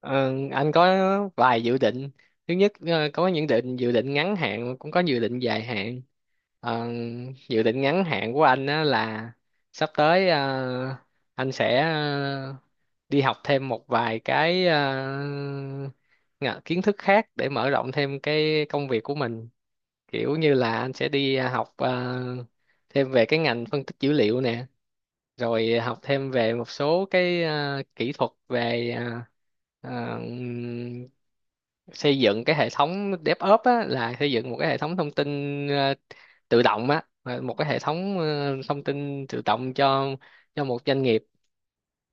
Ờ, anh có vài dự định. Thứ nhất, có những dự định ngắn hạn, cũng có dự định dài hạn. Ờ, Dự định ngắn hạn của anh á là sắp tới, anh sẽ đi học thêm một vài cái, kiến thức khác để mở rộng thêm cái công việc của mình. Kiểu như là anh sẽ đi học thêm về cái ngành phân tích dữ liệu nè, rồi học thêm về một số cái kỹ thuật về, à, xây dựng cái hệ thống DevOps á, là xây dựng một cái hệ thống thông tin ờ, tự động á, mà một cái hệ thống thông tin tự động cho một doanh nghiệp,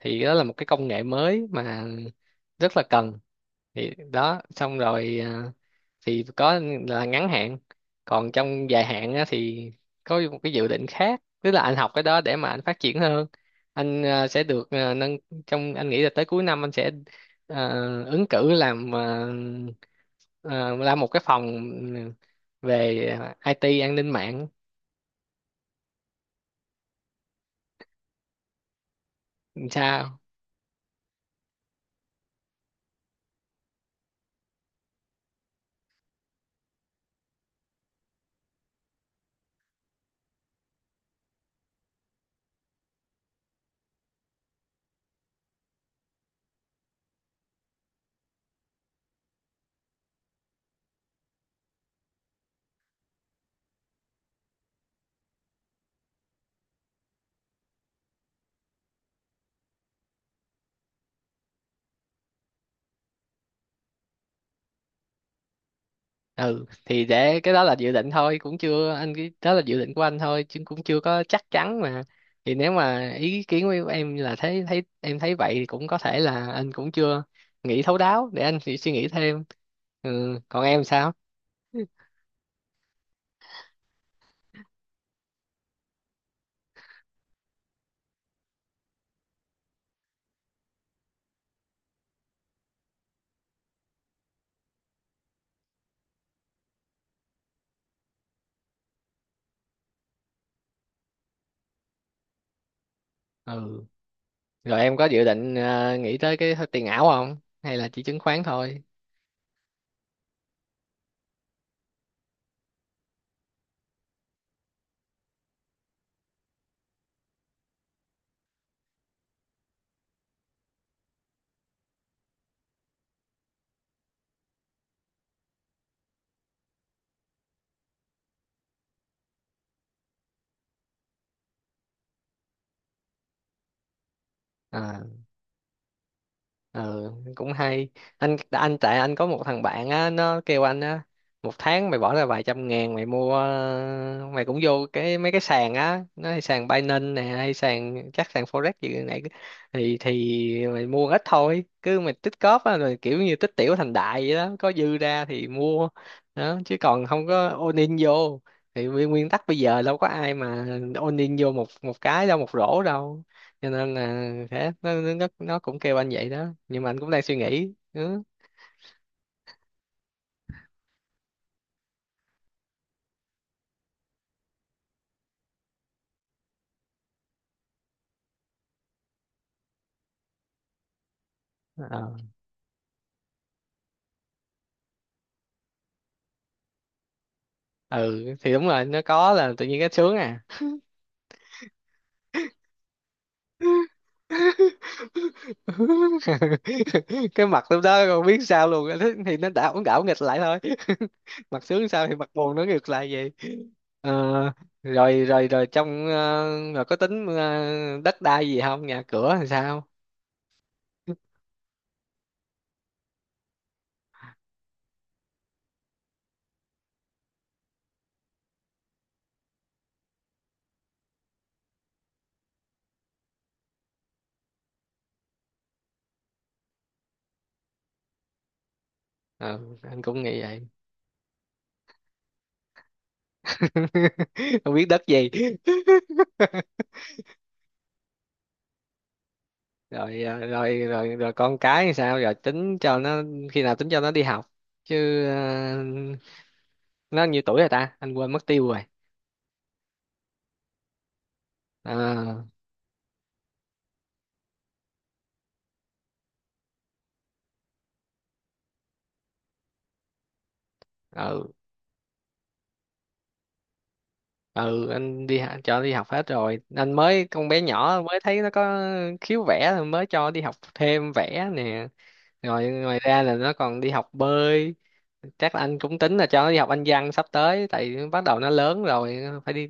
thì đó là một cái công nghệ mới mà rất là cần. Thì đó xong rồi, thì có là ngắn hạn. Còn trong dài hạn á, thì có một cái dự định khác, tức là anh học cái đó để mà anh phát triển hơn. Anh sẽ được, à, nâng trong anh nghĩ là tới cuối năm anh sẽ à, ứng cử làm, làm một cái phòng, ừ, về IT an ninh mạng. Làm sao. Ừ thì để cái đó là dự định thôi, cũng chưa. Anh, cái đó là dự định của anh thôi chứ cũng chưa có chắc chắn mà. Thì nếu mà ý kiến của em là thấy, em thấy vậy, thì cũng có thể là anh cũng chưa nghĩ thấu đáo, để anh suy suy nghĩ thêm. Ừ, còn em sao? Ừ, rồi em có dự định nghĩ tới cái tiền ảo không, hay là chỉ chứng khoán thôi? À. ờ Cũng hay. Anh tại anh có một thằng bạn á, nó kêu anh á, một tháng mày bỏ ra vài trăm ngàn, mày mua, mày cũng vô cái mấy cái sàn á, nó hay sàn Binance nè, hay sàn, chắc sàn Forex gì này. Thì mày mua ít thôi, cứ mày tích cóp á, rồi kiểu như tích tiểu thành đại vậy đó, có dư ra thì mua. Đó chứ còn không có all in vô. Thì nguyên nguyên tắc bây giờ đâu có ai mà all in vô một một cái đâu, một rổ đâu. Cho nên là thế, nó cũng kêu anh vậy đó, nhưng mà anh cũng đang suy nghĩ. Ừ, Ờ. Ừ thì đúng rồi, nó có là tự nhiên cái sướng à. Cái mặt lúc đó còn biết sao luôn. Thế thì nó đảo đảo nghịch lại thôi. Mặt sướng sao thì mặt buồn nó ngược lại vậy. Ờ, rồi rồi rồi trong, rồi có tính, đất đai gì không, nhà cửa làm sao? Ờ, anh cũng nghĩ vậy. Không biết đất gì. Rồi, rồi con cái thì sao, giờ tính cho nó, khi nào tính cho nó đi học chứ, nó nhiêu tuổi rồi ta, anh quên mất tiêu rồi. ờ ừ ừ anh đi cho đi học hết rồi, anh mới con bé nhỏ mới thấy nó có khiếu vẽ, mới cho đi học thêm vẽ nè. Rồi ngoài ra là nó còn đi học bơi. Chắc là anh cũng tính là cho nó đi học Anh văn sắp tới, tại bắt đầu nó lớn rồi, phải đi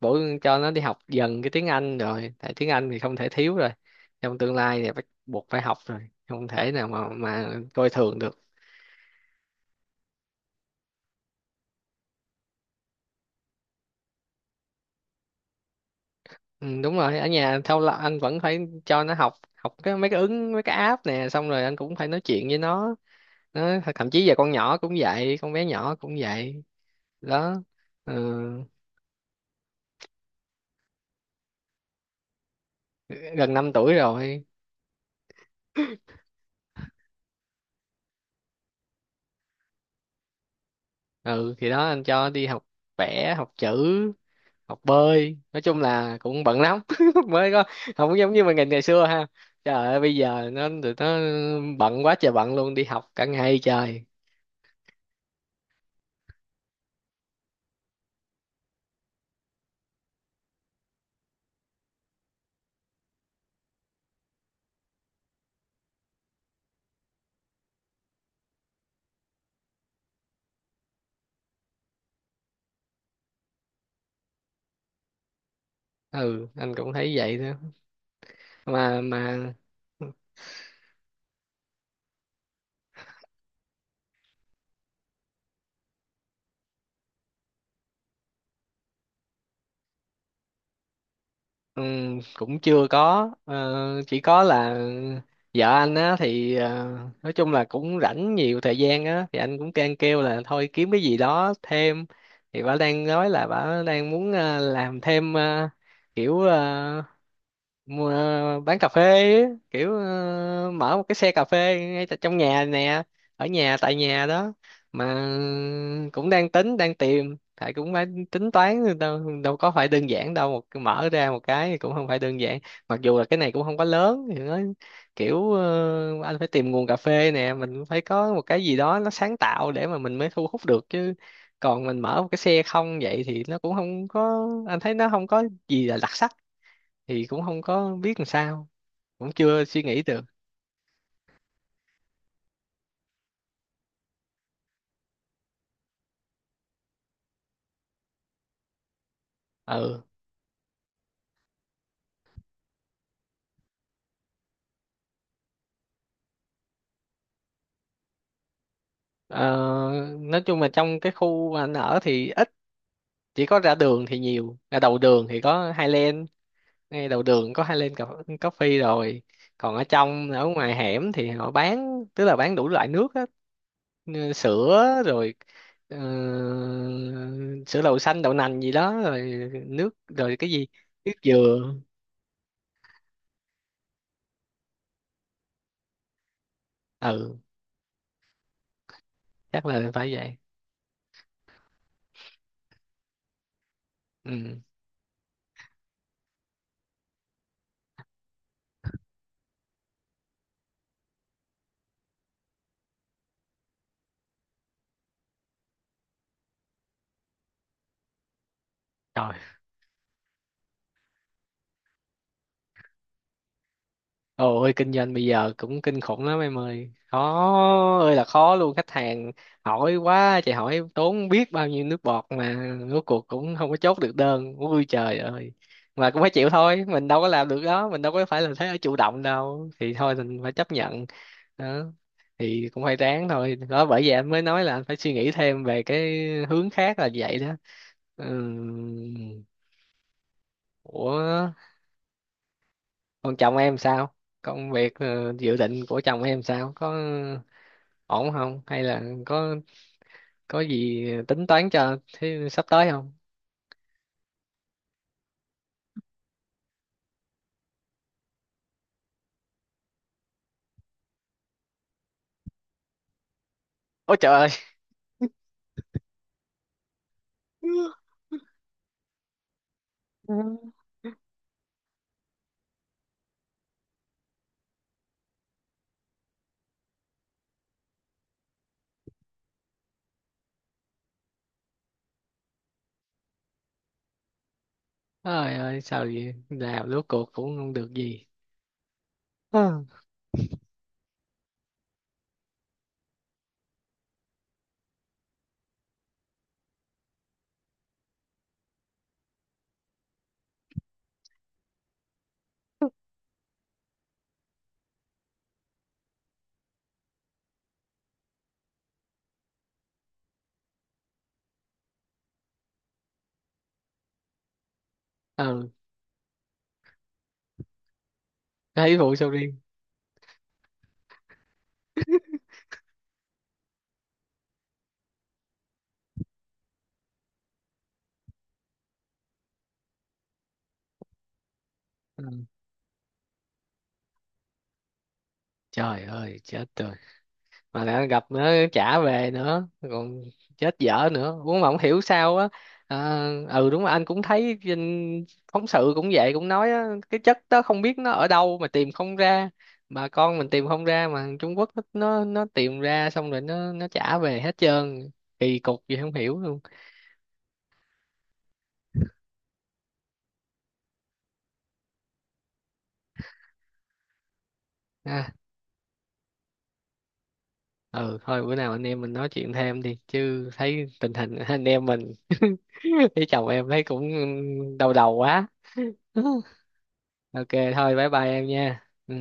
bổ cho nó đi học dần cái tiếng Anh rồi, tại tiếng Anh thì không thể thiếu rồi. Trong tương lai thì bắt buộc phải học rồi, không thể nào mà coi thường được. Ừ, đúng rồi, ở nhà thâu là anh vẫn phải cho nó học học cái mấy cái ứng, mấy cái app nè, xong rồi anh cũng phải nói chuyện với nó. Thậm chí giờ con nhỏ cũng vậy, con bé nhỏ cũng vậy đó. Ừ, gần 5 tuổi rồi. Ừ thì đó, anh cho đi học vẽ, học chữ, học bơi, nói chung là cũng bận lắm. Mới có, không giống như mình ngày ngày xưa ha. Trời ơi, bây giờ tụi nó bận quá trời, bận luôn, đi học cả ngày trời. Ừ, anh cũng thấy vậy đó. Mà Cũng chưa có. Ờ, chỉ có là vợ anh á thì, nói chung là cũng rảnh nhiều thời gian á, thì anh cũng can kêu là thôi kiếm cái gì đó thêm. Thì bà đang nói là bà đang muốn làm thêm, kiểu ờ, mua bán cà phê. Ấy, kiểu mở một cái xe cà phê ngay tại trong nhà nè, ở nhà, tại nhà đó. Mà cũng đang tính, đang tìm thầy, cũng phải tính toán, đâu đâu có phải đơn giản đâu, một mở ra một cái thì cũng không phải đơn giản. Mặc dù là cái này cũng không quá lớn, thì nó kiểu, anh phải tìm nguồn cà phê nè, mình cũng phải có một cái gì đó nó sáng tạo để mà mình mới thu hút được chứ. Còn mình mở một cái xe không vậy thì nó cũng không có, anh thấy nó không có gì là đặc sắc. Thì cũng không có biết làm sao, cũng chưa suy nghĩ được. Ừ. ờ, nói chung là trong cái khu mà anh ở thì ít, chỉ có ra đường thì nhiều, ra đầu đường thì có Highland. Ngay đầu đường có Highland Coffee rồi. Còn ở trong, ở ngoài hẻm thì họ bán, tức là bán đủ loại nước á. Như sữa rồi, ờ, sữa đậu xanh, đậu nành gì đó, rồi nước, rồi cái gì, nước dừa. Ừ, chắc là phải vậy. Ừ, rồi. Ôi, kinh doanh bây giờ cũng kinh khủng lắm em ơi, khó ơi là khó luôn. Khách hàng hỏi quá, chị hỏi tốn biết bao nhiêu nước bọt mà rốt cuộc cũng không có chốt được đơn, ui trời ơi. Mà cũng phải chịu thôi, mình đâu có làm được đó, mình đâu có phải là thế ở chủ động đâu, thì thôi mình phải chấp nhận đó. Thì cũng phải ráng thôi đó, bởi vậy anh mới nói là anh phải suy nghĩ thêm về cái hướng khác là vậy đó. Ừ. Ủa, còn chồng em sao? Công việc, dự định của chồng em sao? Có ổn không? Hay là có gì tính toán cho thế sắp tới không? Ôi trời ơi! Ừ. Trời ơi sao vậy? Làm rốt cuộc cũng không được gì. Ừ. Ừ, thấy vụ sầu riêng. Ừ. Trời ơi chết. Mà lại gặp nữa, trả về nữa còn chết dở nữa, cũng mà không hiểu sao á. à, ừ đúng rồi, anh cũng thấy trên phóng sự cũng vậy, cũng nói á, cái chất đó không biết nó ở đâu mà tìm không ra. Bà con mình tìm không ra, mà Trung Quốc nó tìm ra, xong rồi nó trả về hết trơn. Kỳ cục gì không hiểu luôn. à, ừ thôi, bữa nào anh em mình nói chuyện thêm đi chứ, thấy tình hình anh em mình với chồng em thấy cũng đau đầu quá. Ok, thôi bye bye em nha. Ừ.